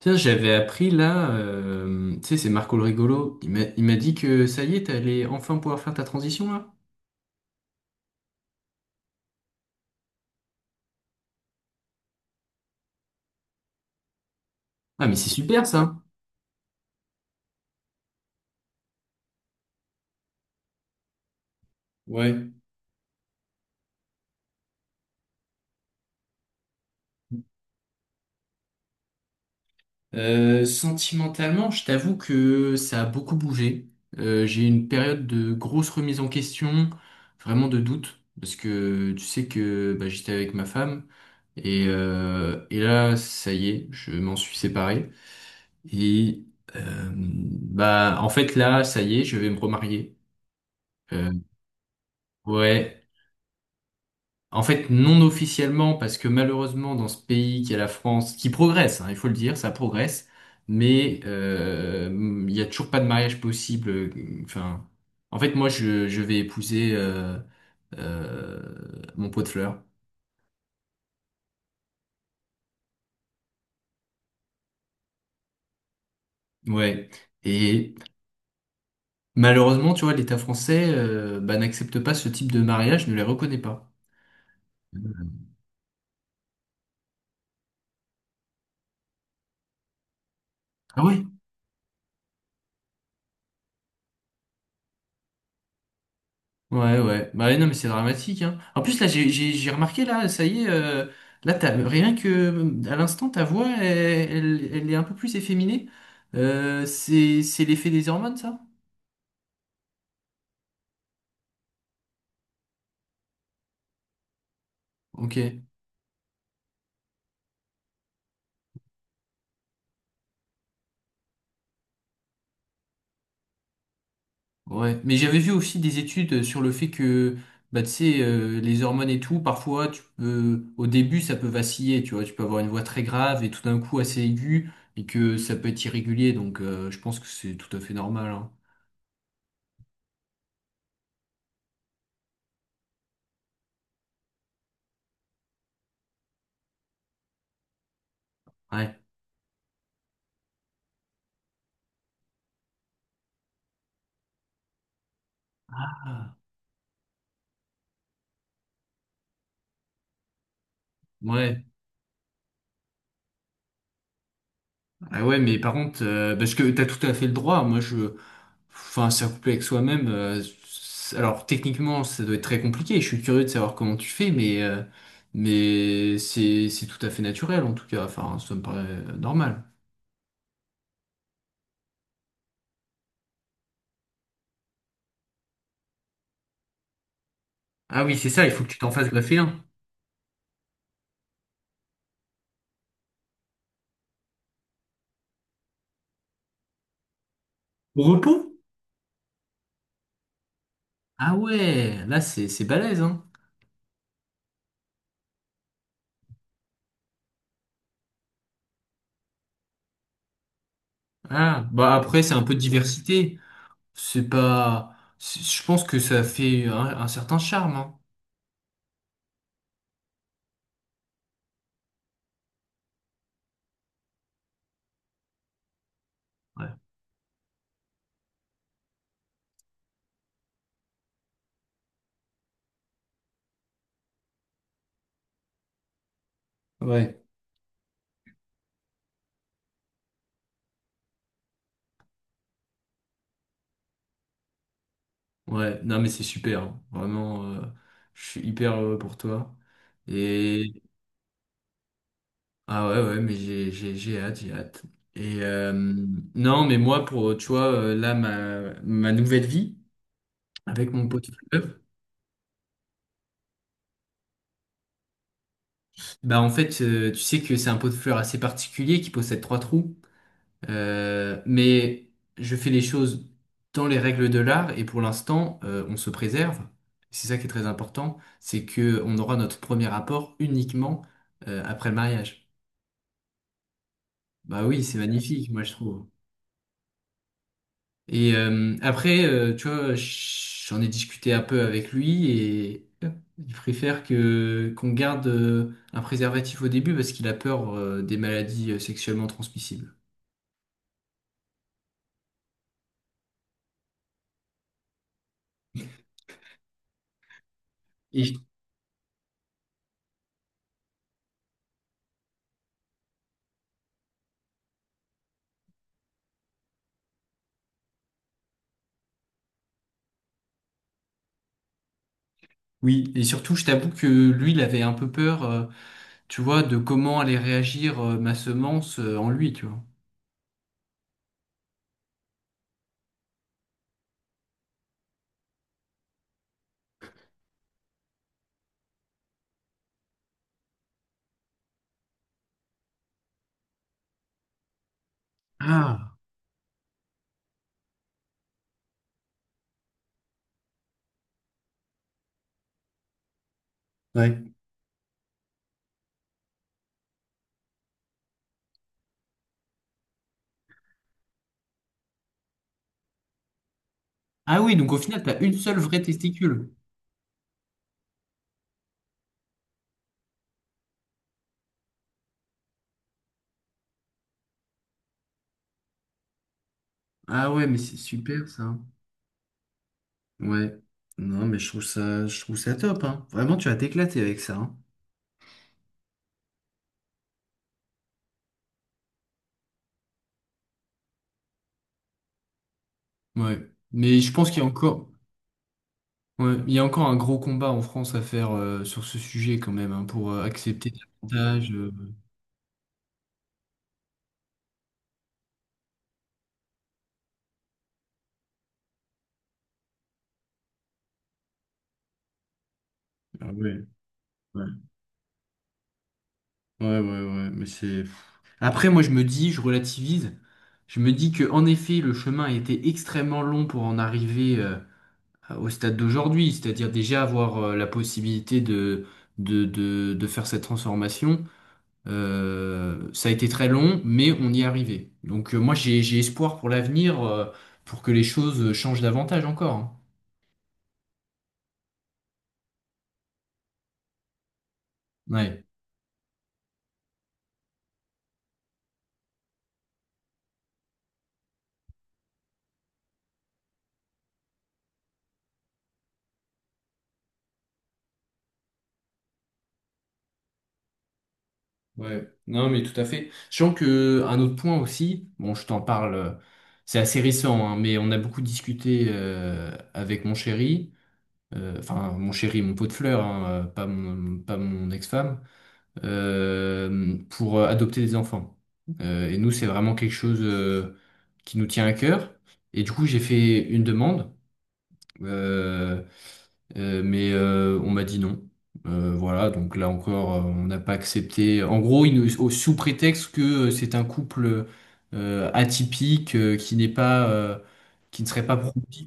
Tiens, j'avais appris là, tu sais, c'est Marco le rigolo. Il m'a dit que ça y est, t'allais enfin pouvoir faire ta transition là. Ah, mais c'est super ça. Ouais. Sentimentalement, je t'avoue que ça a beaucoup bougé. J'ai eu une période de grosse remise en question, vraiment de doute, parce que tu sais que bah, j'étais avec ma femme et là, ça y est, je m'en suis séparé. Et bah, en fait là, ça y est, je vais me remarier. Euh, ouais. En fait, non officiellement, parce que malheureusement, dans ce pays qui est la France, qui progresse, hein, il faut le dire, ça progresse, mais il n'y a toujours pas de mariage possible. Enfin, en fait, moi, je vais épouser euh, mon pot de fleurs. Ouais. Et malheureusement, tu vois, l'État français bah, n'accepte pas ce type de mariage, ne les reconnaît pas. Ah ouais. Ouais, ouais. Bah ouais, non, mais c'est dramatique, hein. En plus, là, j'ai remarqué, là, ça y est, là, t'as, rien que, à l'instant, ta voix, elle est un peu plus efféminée. C'est l'effet des hormones, ça? Ok, ouais. Mais j'avais vu aussi des études sur le fait que, bah, tu sais, les hormones et tout, parfois, tu peux, au début, ça peut vaciller, tu vois. Tu peux avoir une voix très grave et tout d'un coup assez aiguë et que ça peut être irrégulier, donc je pense que c'est tout à fait normal, hein. Ouais. Ouais. Ah ouais, mais par contre, parce que t'as tout à fait le droit. Moi, je, enfin, c'est couplé avec soi-même. Alors, techniquement, ça doit être très compliqué. Je suis curieux de savoir comment tu fais, mais c'est tout à fait naturel en tout cas. Enfin, ça me paraît normal. Ah oui, c'est ça. Il faut que tu t'en fasses greffer un. Au repos? Ah ouais, c'est balèze, hein. Ah, bah après, c'est un peu de diversité. C'est pas, c'est- Je pense que ça fait un certain charme, hein. Ouais. Ouais. Ouais, non mais c'est super, hein. Vraiment, je suis hyper heureux pour toi. Et ah ouais, ouais, mais j'ai hâte, j'ai hâte. Et non, mais moi pour tu vois là ma nouvelle vie avec mon pot de fleurs, bah en fait tu sais que c'est un pot de fleurs assez particulier qui possède trois trous. Mais je fais les choses dans les règles de l'art et pour l'instant, on se préserve. C'est ça qui est très important, c'est que on aura notre premier rapport uniquement après le mariage. Bah oui, c'est magnifique, moi je trouve. Et après, tu vois, j'en ai discuté un peu avec lui et il préfère que qu'on garde un préservatif au début parce qu'il a peur des maladies sexuellement transmissibles. Et je- oui, et surtout, je t'avoue que lui, il avait un peu peur. Tu vois, de comment allait réagir ma semence en lui, tu vois. Ah, ouais. Ah oui, donc au final, t'as une seule vraie testicule. Ah ouais, mais c'est super ça. Ouais. Non, mais je trouve ça top, hein. Vraiment, tu vas t'éclater avec ça, hein. Ouais. Mais je pense qu'il y a encore, ouais, il y a encore un gros combat en France à faire sur ce sujet quand même, hein, pour accepter davantage. Ah ouais. Ouais. Ouais, ouais, ouais, mais c'est... Après, moi, je me dis, je relativise, je me dis que en effet, le chemin a été extrêmement long pour en arriver au stade d'aujourd'hui, c'est-à-dire déjà avoir la possibilité de faire cette transformation. Ça a été très long, mais on y est arrivé. Donc, moi, j'ai espoir pour l'avenir, pour que les choses changent davantage encore. Hein. Ouais. Ouais, non, mais tout à fait. Sachant que un autre point aussi, bon, je t'en parle, c'est assez récent, hein, mais on a beaucoup discuté avec mon chéri, enfin mon chéri, mon pot de fleurs, hein, pas mon, pas mon ex-femme, pour adopter des enfants. Et nous, c'est vraiment quelque chose qui nous tient à cœur. Et du coup, j'ai fait une demande. Euh, mais on m'a dit non. Voilà, donc là encore, on n'a pas accepté. En gros, sous prétexte que c'est un couple atypique qui n'est pas, qui ne serait pas propice.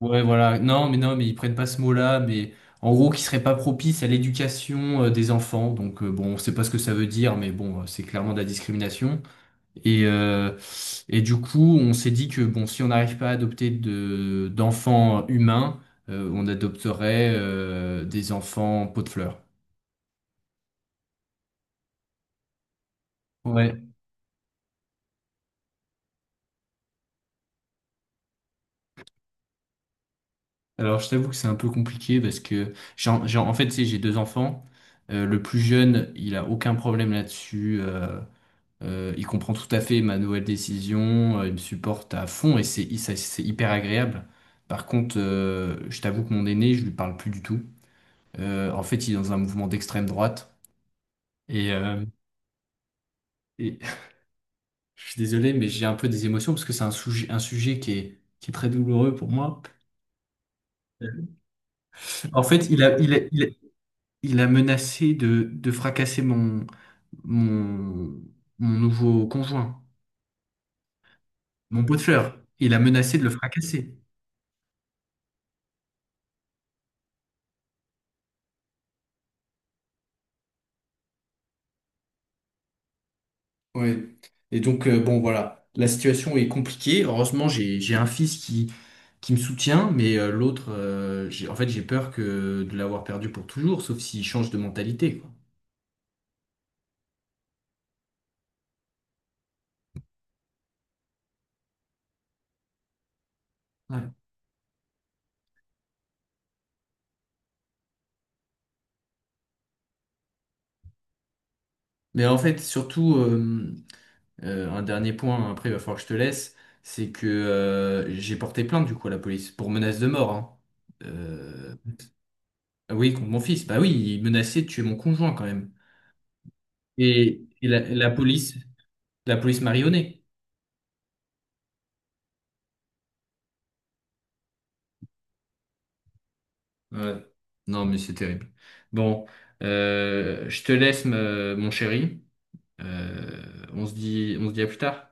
Ouais, voilà. Non, mais non, mais ils prennent pas ce mot-là, mais en gros, qui serait pas propice à l'éducation des enfants. Donc bon, on sait pas ce que ça veut dire, mais bon, c'est clairement de la discrimination. Et, euh, et du coup, on s'est dit que bon, si on n'arrive pas à adopter d'enfants humains, on adopterait des enfants pot de fleurs. Ouais. Alors, je t'avoue que c'est un peu compliqué parce que en fait, tu sais, j'ai deux enfants. Le plus jeune, il a aucun problème là-dessus. Il comprend tout à fait ma nouvelle décision. Il me supporte à fond et c'est hyper agréable. Par contre, je t'avoue que mon aîné, je lui parle plus du tout. En fait, il est dans un mouvement d'extrême droite. Et, euh, et je suis désolé, mais j'ai un peu des émotions parce que c'est un sujet qui est très douloureux pour moi. En fait, il a menacé de fracasser mon, mon nouveau conjoint, mon pot de fleurs. Il a menacé de le fracasser. Ouais. Et donc, bon, voilà. La situation est compliquée. Heureusement, j'ai un fils qui me soutient, mais l'autre, en fait, j'ai peur que de l'avoir perdu pour toujours, sauf s'il change de mentalité, quoi. Ouais. Mais en fait, surtout, un dernier point, hein, après il va falloir que je te laisse, c'est que j'ai porté plainte du coup à la police pour menace de mort. Hein. Euh, ah oui, contre mon fils. Bah oui, il menaçait de tuer mon conjoint quand même. Et la police marionnée. Ouais. Non, mais c'est terrible. Bon, je te laisse, mon chéri. On se dit, on se dit à plus tard.